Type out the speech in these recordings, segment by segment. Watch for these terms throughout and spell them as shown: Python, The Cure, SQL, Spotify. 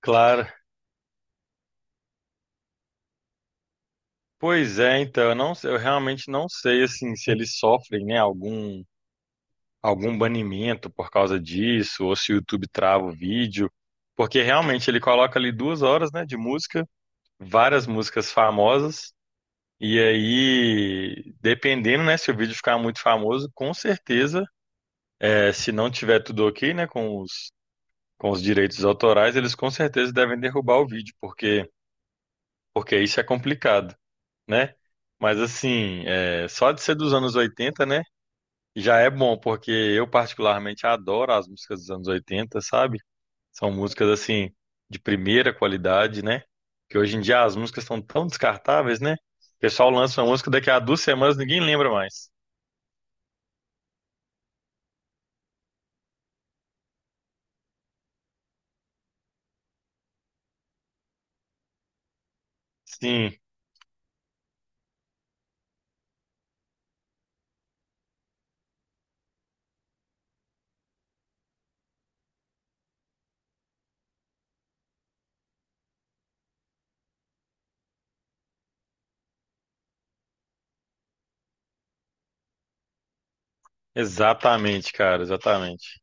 Claro. Pois é, então, eu realmente não sei assim se eles sofrem, né, algum banimento por causa disso, ou se o YouTube trava o vídeo, porque realmente ele coloca ali 2 horas, né, de música, várias músicas famosas. E aí dependendo, né, se o vídeo ficar muito famoso, com certeza, é, se não tiver tudo ok, né, com os direitos autorais, eles com certeza devem derrubar o vídeo, porque isso é complicado, né? Mas assim, é, só de ser dos anos 80, né? Já é bom, porque eu particularmente adoro as músicas dos anos 80, sabe? São músicas assim de primeira qualidade, né? Que hoje em dia as músicas estão tão descartáveis, né? O pessoal lança uma música, daqui a 2 semanas ninguém lembra mais. Sim, exatamente, cara, exatamente.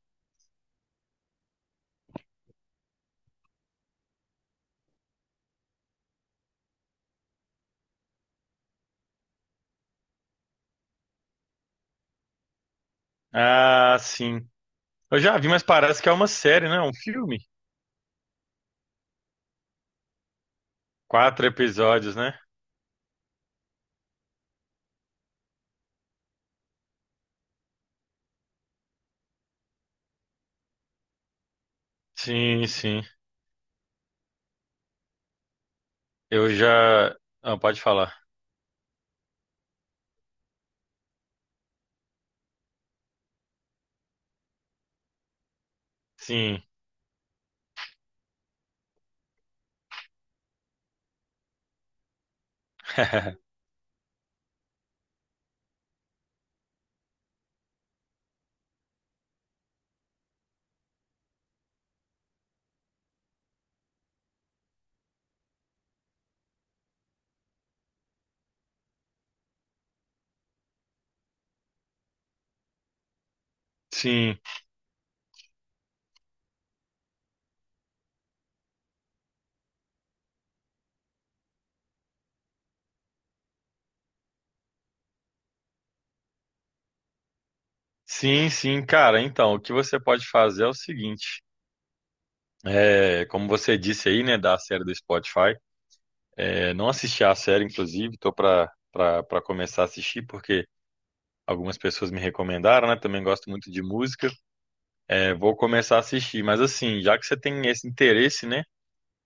Ah, sim. Eu já vi, mas parece que é uma série, né? Um filme. Quatro episódios, né? Sim, sim. Eu já. Ah, pode falar. Sim. Sim, sim, sim, cara. Então, o que você pode fazer é o seguinte. É, como você disse aí, né, da série do Spotify, é, não assisti a série, inclusive, tô pra começar a assistir, porque algumas pessoas me recomendaram, né, também gosto muito de música. É, vou começar a assistir, mas assim, já que você tem esse interesse, né,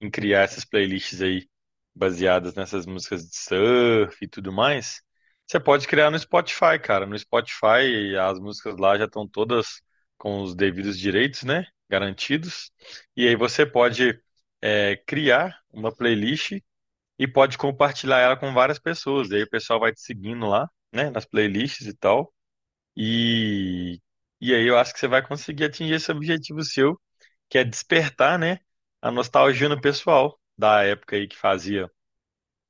em criar essas playlists aí baseadas nessas músicas de surf e tudo mais, você pode criar no Spotify, cara. No Spotify, as músicas lá já estão todas com os devidos direitos, né? Garantidos. E aí você pode, é, criar uma playlist e pode compartilhar ela com várias pessoas. E aí o pessoal vai te seguindo lá, né? Nas playlists e tal. E, e aí eu acho que você vai conseguir atingir esse objetivo seu, que é despertar, né, a nostalgia no pessoal da época aí que fazia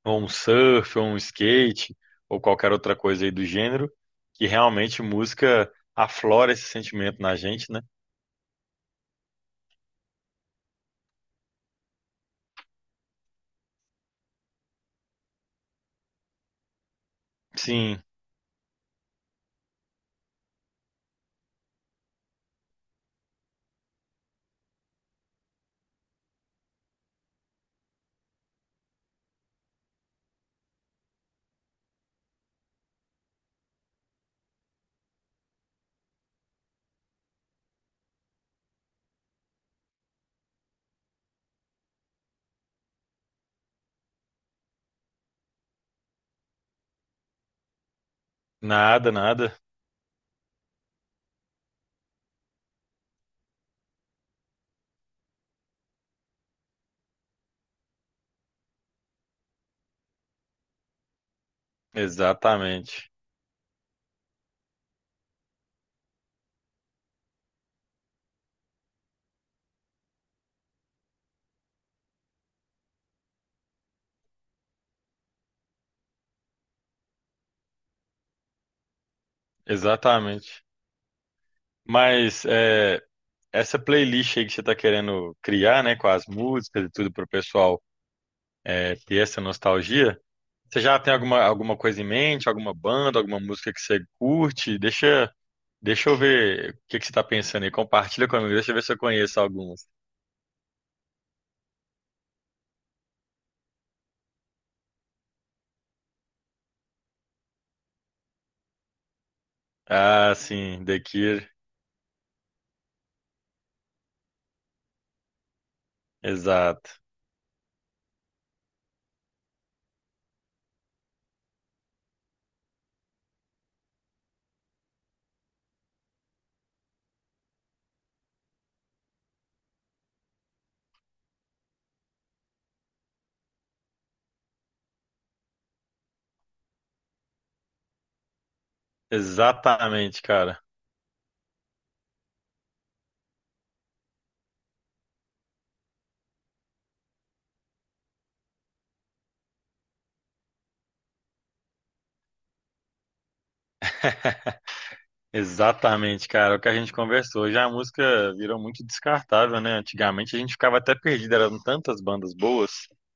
ou um surf, ou um skate, ou qualquer outra coisa aí do gênero, que realmente música aflora esse sentimento na gente, né? Sim, nada, nada. Exatamente, exatamente. Mas é, essa playlist aí que você está querendo criar, né, com as músicas e tudo para o pessoal, é, ter essa nostalgia, você já tem alguma, alguma coisa em mente, alguma banda, alguma música que você curte? Deixa eu ver o que que você está pensando aí. Compartilha comigo, deixa eu ver se eu conheço algumas. Ah, sim, The Cure. Exato. Exatamente, cara. Exatamente, cara. É o que a gente conversou. Hoje a música virou muito descartável, né? Antigamente a gente ficava até perdido, eram tantas bandas boas,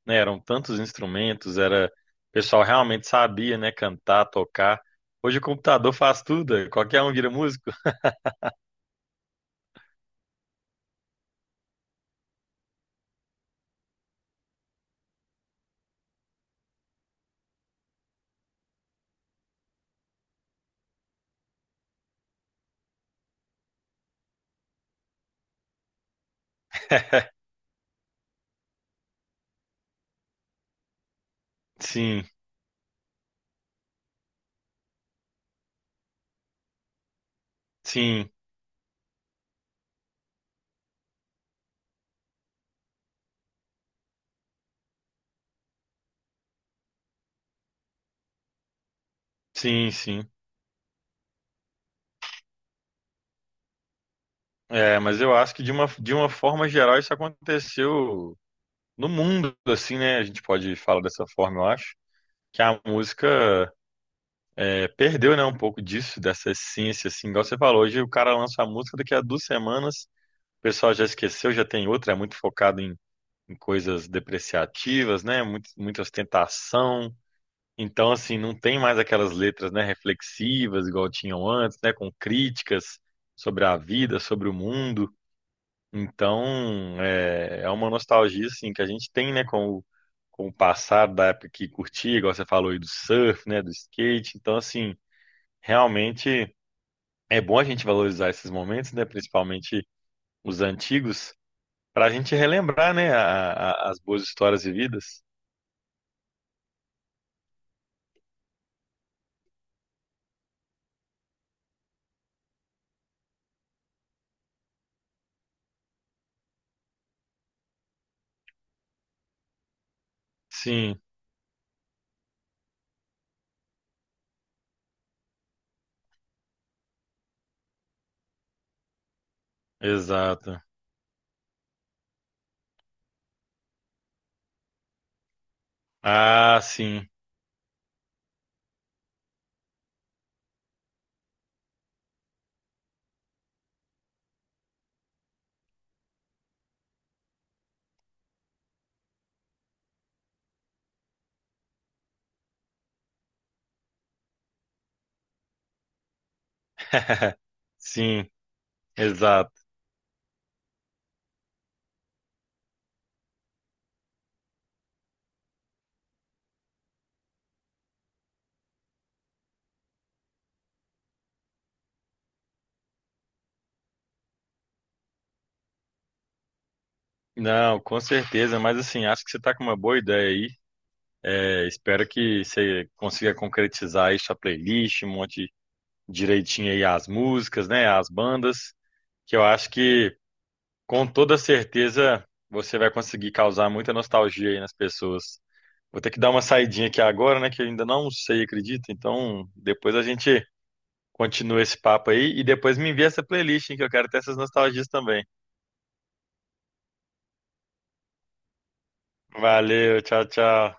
né? Eram tantos instrumentos, era... O pessoal realmente sabia, né? Cantar, tocar. Hoje o computador faz tudo, é, qualquer um vira músico. Sim, sim, sim, sim. É, mas eu acho que de uma forma geral isso aconteceu no mundo, assim, né? A gente pode falar dessa forma, eu acho. Que a música, é, perdeu, né, um pouco disso, dessa essência, assim. Igual você falou, hoje o cara lança a música, daqui a duas semanas o pessoal já esqueceu, já tem outra, é muito focado em coisas depreciativas, né? Muito, muita ostentação. Então, assim, não tem mais aquelas letras, né, reflexivas, igual tinham antes, né? Com críticas sobre a vida, sobre o mundo. Então, é, é uma nostalgia assim que a gente tem, né, com o passado da época que curtia, igual você falou aí do surf, né, do skate. Então, assim, realmente é bom a gente valorizar esses momentos, né, principalmente os antigos, para a gente relembrar, né, as boas histórias vividas. Sim, exato. Ah, sim. Sim, exato. Não, com certeza, mas assim, acho que você tá com uma boa ideia. É, espero que você consiga concretizar aí sua playlist, um monte direitinho aí as músicas, né? As bandas, que eu acho que com toda certeza você vai conseguir causar muita nostalgia aí nas pessoas. Vou ter que dar uma saidinha aqui agora, né? Que eu ainda não sei, acredito. Então, depois a gente continua esse papo aí e depois me envia essa playlist, hein, que eu quero ter essas nostalgias também. Valeu, tchau, tchau.